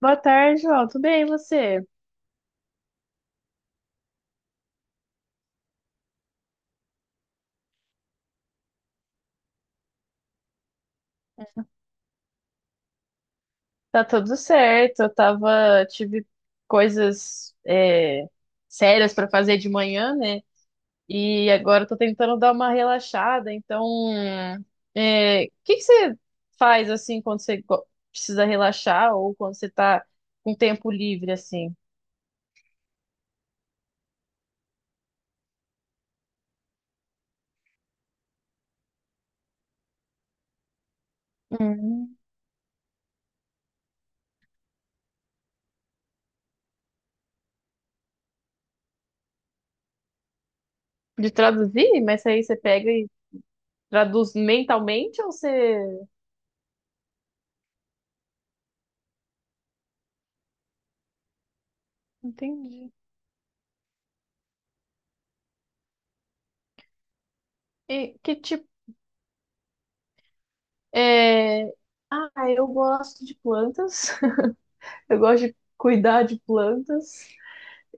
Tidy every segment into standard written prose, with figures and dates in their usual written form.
Boa tarde, João. Tudo bem, e você? Tá tudo certo. Tive coisas sérias pra fazer de manhã, né? E agora eu tô tentando dar uma relaxada. Então, o que que você faz assim quando você precisa relaxar ou quando você tá com tempo livre assim? Hum. De traduzir? Mas aí você pega e traduz mentalmente ou você. Entendi. E que tipo? é, Ah, eu gosto de plantas. Eu gosto de cuidar de plantas.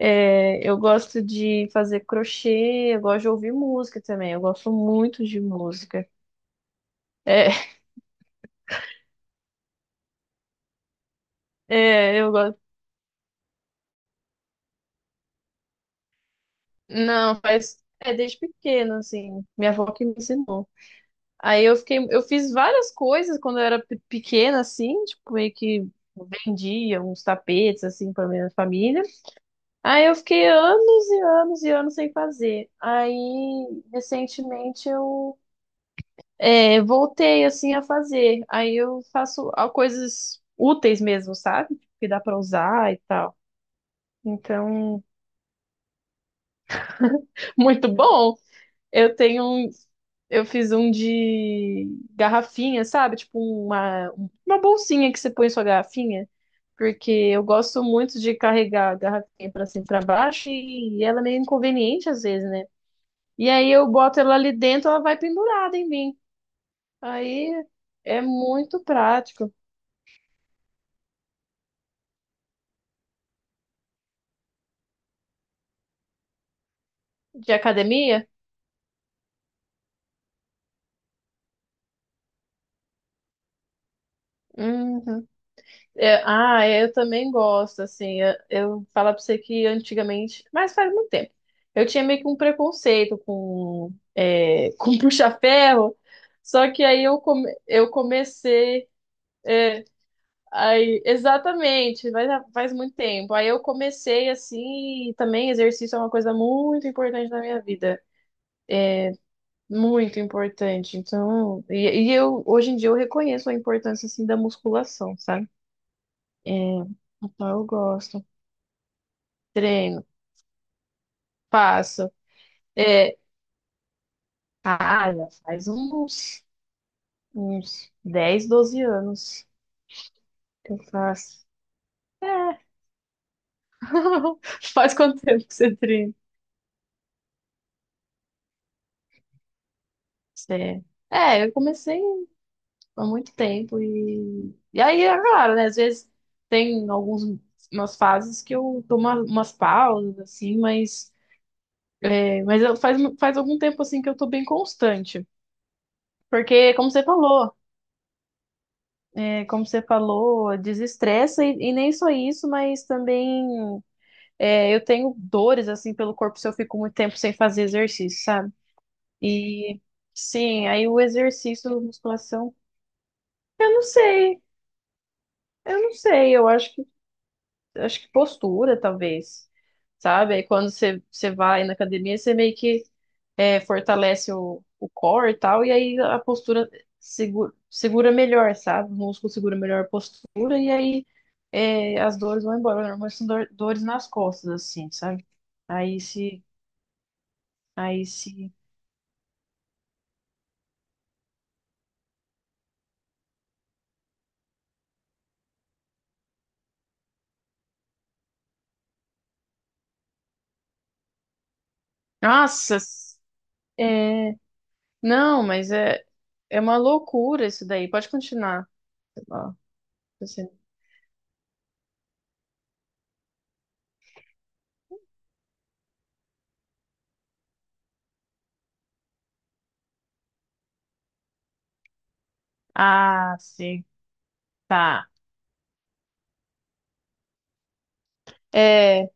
É, eu gosto de fazer crochê. Eu gosto de ouvir música também. Eu gosto muito de música. É, é, eu gosto. Não, faz. É desde pequena, assim. Minha avó que me ensinou. Aí eu fiquei. Eu fiz várias coisas quando eu era pequena, assim. Tipo, meio que vendia uns tapetes, assim, pra minha família. Aí eu fiquei anos e anos e anos sem fazer. Aí, recentemente, eu voltei assim a fazer. Aí eu faço coisas úteis mesmo, sabe? Que dá pra usar e tal. Então, muito bom. Eu tenho um, eu fiz um de garrafinha, sabe? Tipo uma, uma bolsinha que você põe sua garrafinha, porque eu gosto muito de carregar a garrafinha pra cima e pra baixo e ela é meio inconveniente às vezes, né? E aí eu boto ela ali dentro, ela vai pendurada em mim. Aí é muito prático. De academia? Uhum. É, eu também gosto, assim, eu falar pra você que antigamente, mas faz muito tempo, eu tinha meio que um preconceito com, com puxa-ferro, só que aí eu comecei, é, aí, exatamente, faz muito tempo, aí eu comecei, assim, e também exercício é uma coisa muito importante na minha vida, muito importante, então, e eu, hoje em dia eu reconheço a importância, assim, da musculação, sabe? É, então eu gosto. Treino, faço. É, ah, já faz uns 10 12 anos que eu faço. É. Faz quanto tempo que você treina? Você- É, eu comecei há muito tempo. E aí, é claro, né? Às vezes tem alguns, umas fases que eu dou umas pausas, assim, mas faz algum tempo, assim, que eu tô bem constante. Porque, como você falou, É, como você falou, desestressa e nem só isso, mas também eu tenho dores assim pelo corpo se eu fico muito tempo sem fazer exercício, sabe? E sim, aí o exercício, musculação, eu não sei, eu não sei, eu acho que postura, talvez, sabe? Aí quando você vai na academia, você meio que fortalece o core e tal, e aí a postura segura melhor, sabe? O músculo segura melhor a postura, e aí as dores vão embora. Normalmente são dores nas costas, assim, sabe? Aí se. Aí se. Nossa! É, não, mas é uma loucura isso daí. Pode continuar. Ó, você- Ah, sim. Tá. É,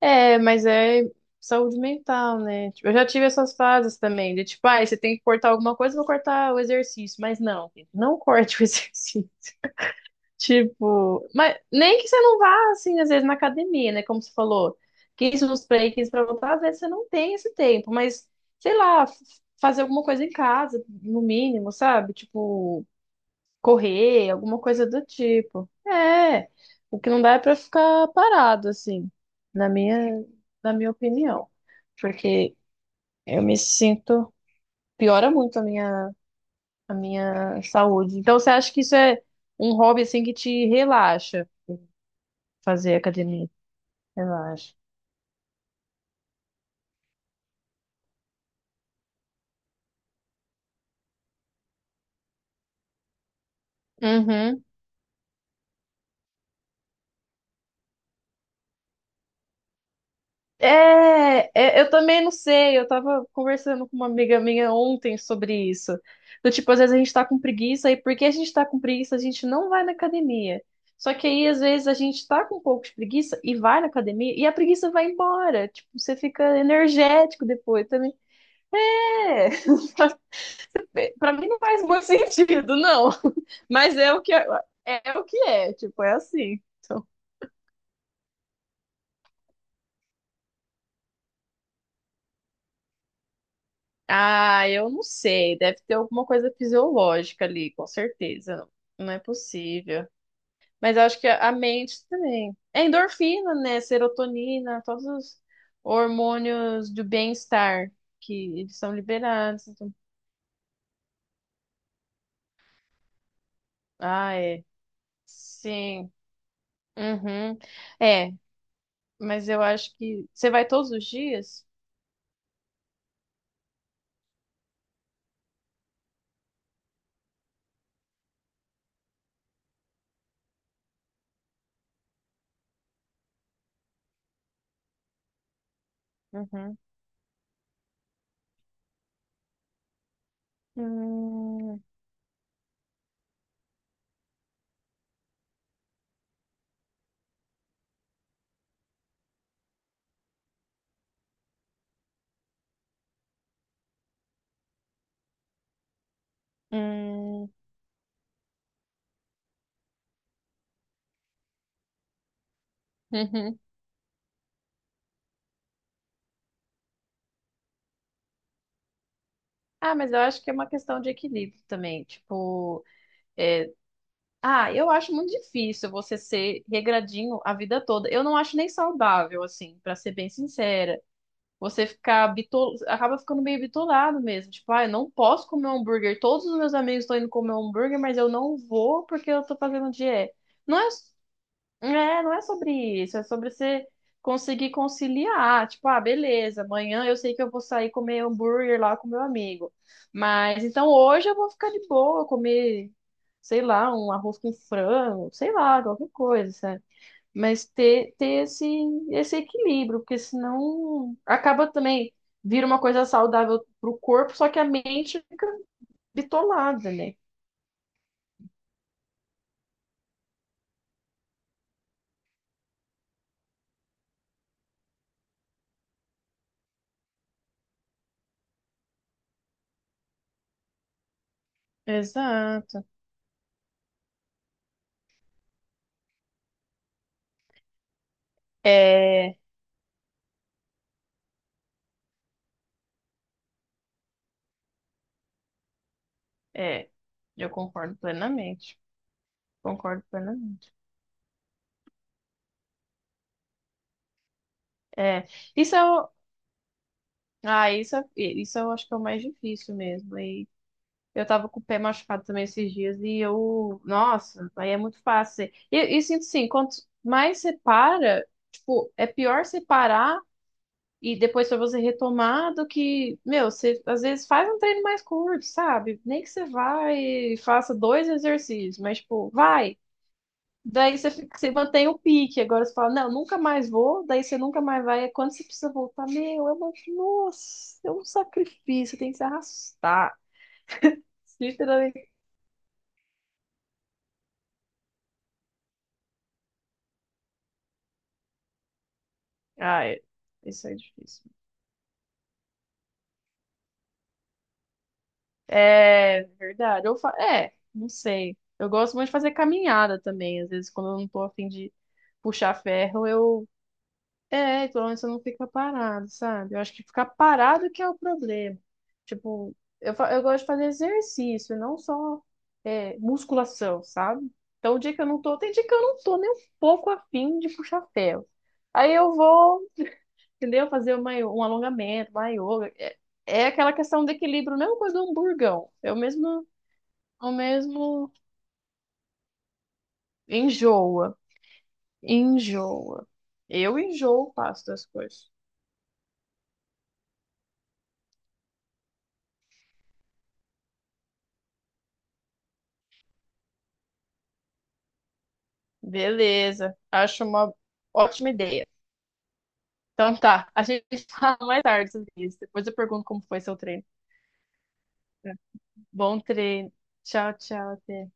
É, mas é saúde mental, né? Tipo, eu já tive essas fases também, de tipo, ah, você tem que cortar alguma coisa, eu vou cortar o exercício. Mas não, gente, não corte o exercício. Tipo, mas nem que você não vá, assim, às vezes na academia, né? Como você falou, 15 minutos pra ir, 15 pra voltar, às vezes você não tem esse tempo, mas sei lá, fazer alguma coisa em casa, no mínimo, sabe? Tipo, correr, alguma coisa do tipo. É, o que não dá é pra ficar parado, assim, na minha, na minha opinião. Porque eu me sinto, piora muito a minha saúde. Então, você acha que isso é um hobby, assim, que te relaxa, fazer academia? Relaxa. Uhum. Eu também não sei. Eu tava conversando com uma amiga minha ontem sobre isso. Do tipo, às vezes a gente tá com preguiça, e porque a gente tá com preguiça, a gente não vai na academia. Só que aí, às vezes, a gente tá com um pouco de preguiça e vai na academia, e a preguiça vai embora. Tipo, você fica energético depois também. É, pra mim não faz muito sentido, não. Mas é o que é, é o que é, tipo, é assim. Então, ah, eu não sei. Deve ter alguma coisa fisiológica ali, com certeza. Não é possível. Mas eu acho que a mente também. É endorfina, né? Serotonina, todos os hormônios do bem-estar que eles são liberados. Então. Ah, é. Sim. Uhum. É, mas eu acho que. Você vai todos os dias? Uhum. Hum, hum, uhum. Ah, mas eu acho que é uma questão de equilíbrio também. Tipo. é, Ah, eu acho muito difícil você ser regradinho a vida toda. Eu não acho nem saudável, assim, pra ser bem sincera. Você ficar acaba ficando meio bitolado mesmo. Tipo, ah, eu não posso comer um hambúrguer. Todos os meus amigos estão indo comer um hambúrguer, mas eu não vou porque eu tô fazendo dieta. Não é não é sobre isso, é sobre você conseguir conciliar. Tipo, ah, beleza, amanhã eu sei que eu vou sair comer hambúrguer lá com meu amigo. Mas então hoje eu vou ficar de boa, comer, sei lá, um arroz com frango, sei lá, qualquer coisa, sabe? Mas ter esse equilíbrio, porque senão acaba também vira uma coisa saudável pro corpo, só que a mente fica bitolada, né? Exato. É, é, eu concordo plenamente. Concordo plenamente. É, isso é o, isso eu acho que é o mais difícil mesmo. E eu tava com o pé machucado também esses dias e eu, nossa, aí é muito fácil. E eu sinto assim, quanto mais você para, tipo, é pior você parar e depois pra você retomar do que, meu, você às vezes faz um treino mais curto, sabe? Nem que você vá e faça dois exercícios, mas tipo, vai. Daí você mantém o pique. Agora você fala, não, nunca mais vou. Daí você nunca mais vai. Quando você precisa voltar, meu, é uma, nossa, é um sacrifício. Tem que se arrastar. Literalmente. Ah, é. Isso é difícil. É verdade. É, não sei. Eu gosto muito de fazer caminhada também. Às vezes, quando eu não tô a fim de puxar ferro, Pelo menos você não fica parado, sabe? Eu acho que ficar parado que é o problema. Tipo, eu gosto de fazer exercício, e não só musculação, sabe? Então, o dia que eu não tô, tem dia que eu não tô nem um pouco afim de puxar ferro. Aí eu vou, entendeu? Fazer uma, um alongamento, uma yoga. É aquela questão do equilíbrio, a mesma coisa do hamburgão. É o mesmo, enjoa, enjoa. Eu enjoo fácil das coisas. Beleza, acho uma ótima ideia. Então tá, a gente fala mais tarde sobre isso. Depois eu pergunto como foi seu treino. Bom treino. Tchau, tchau. Até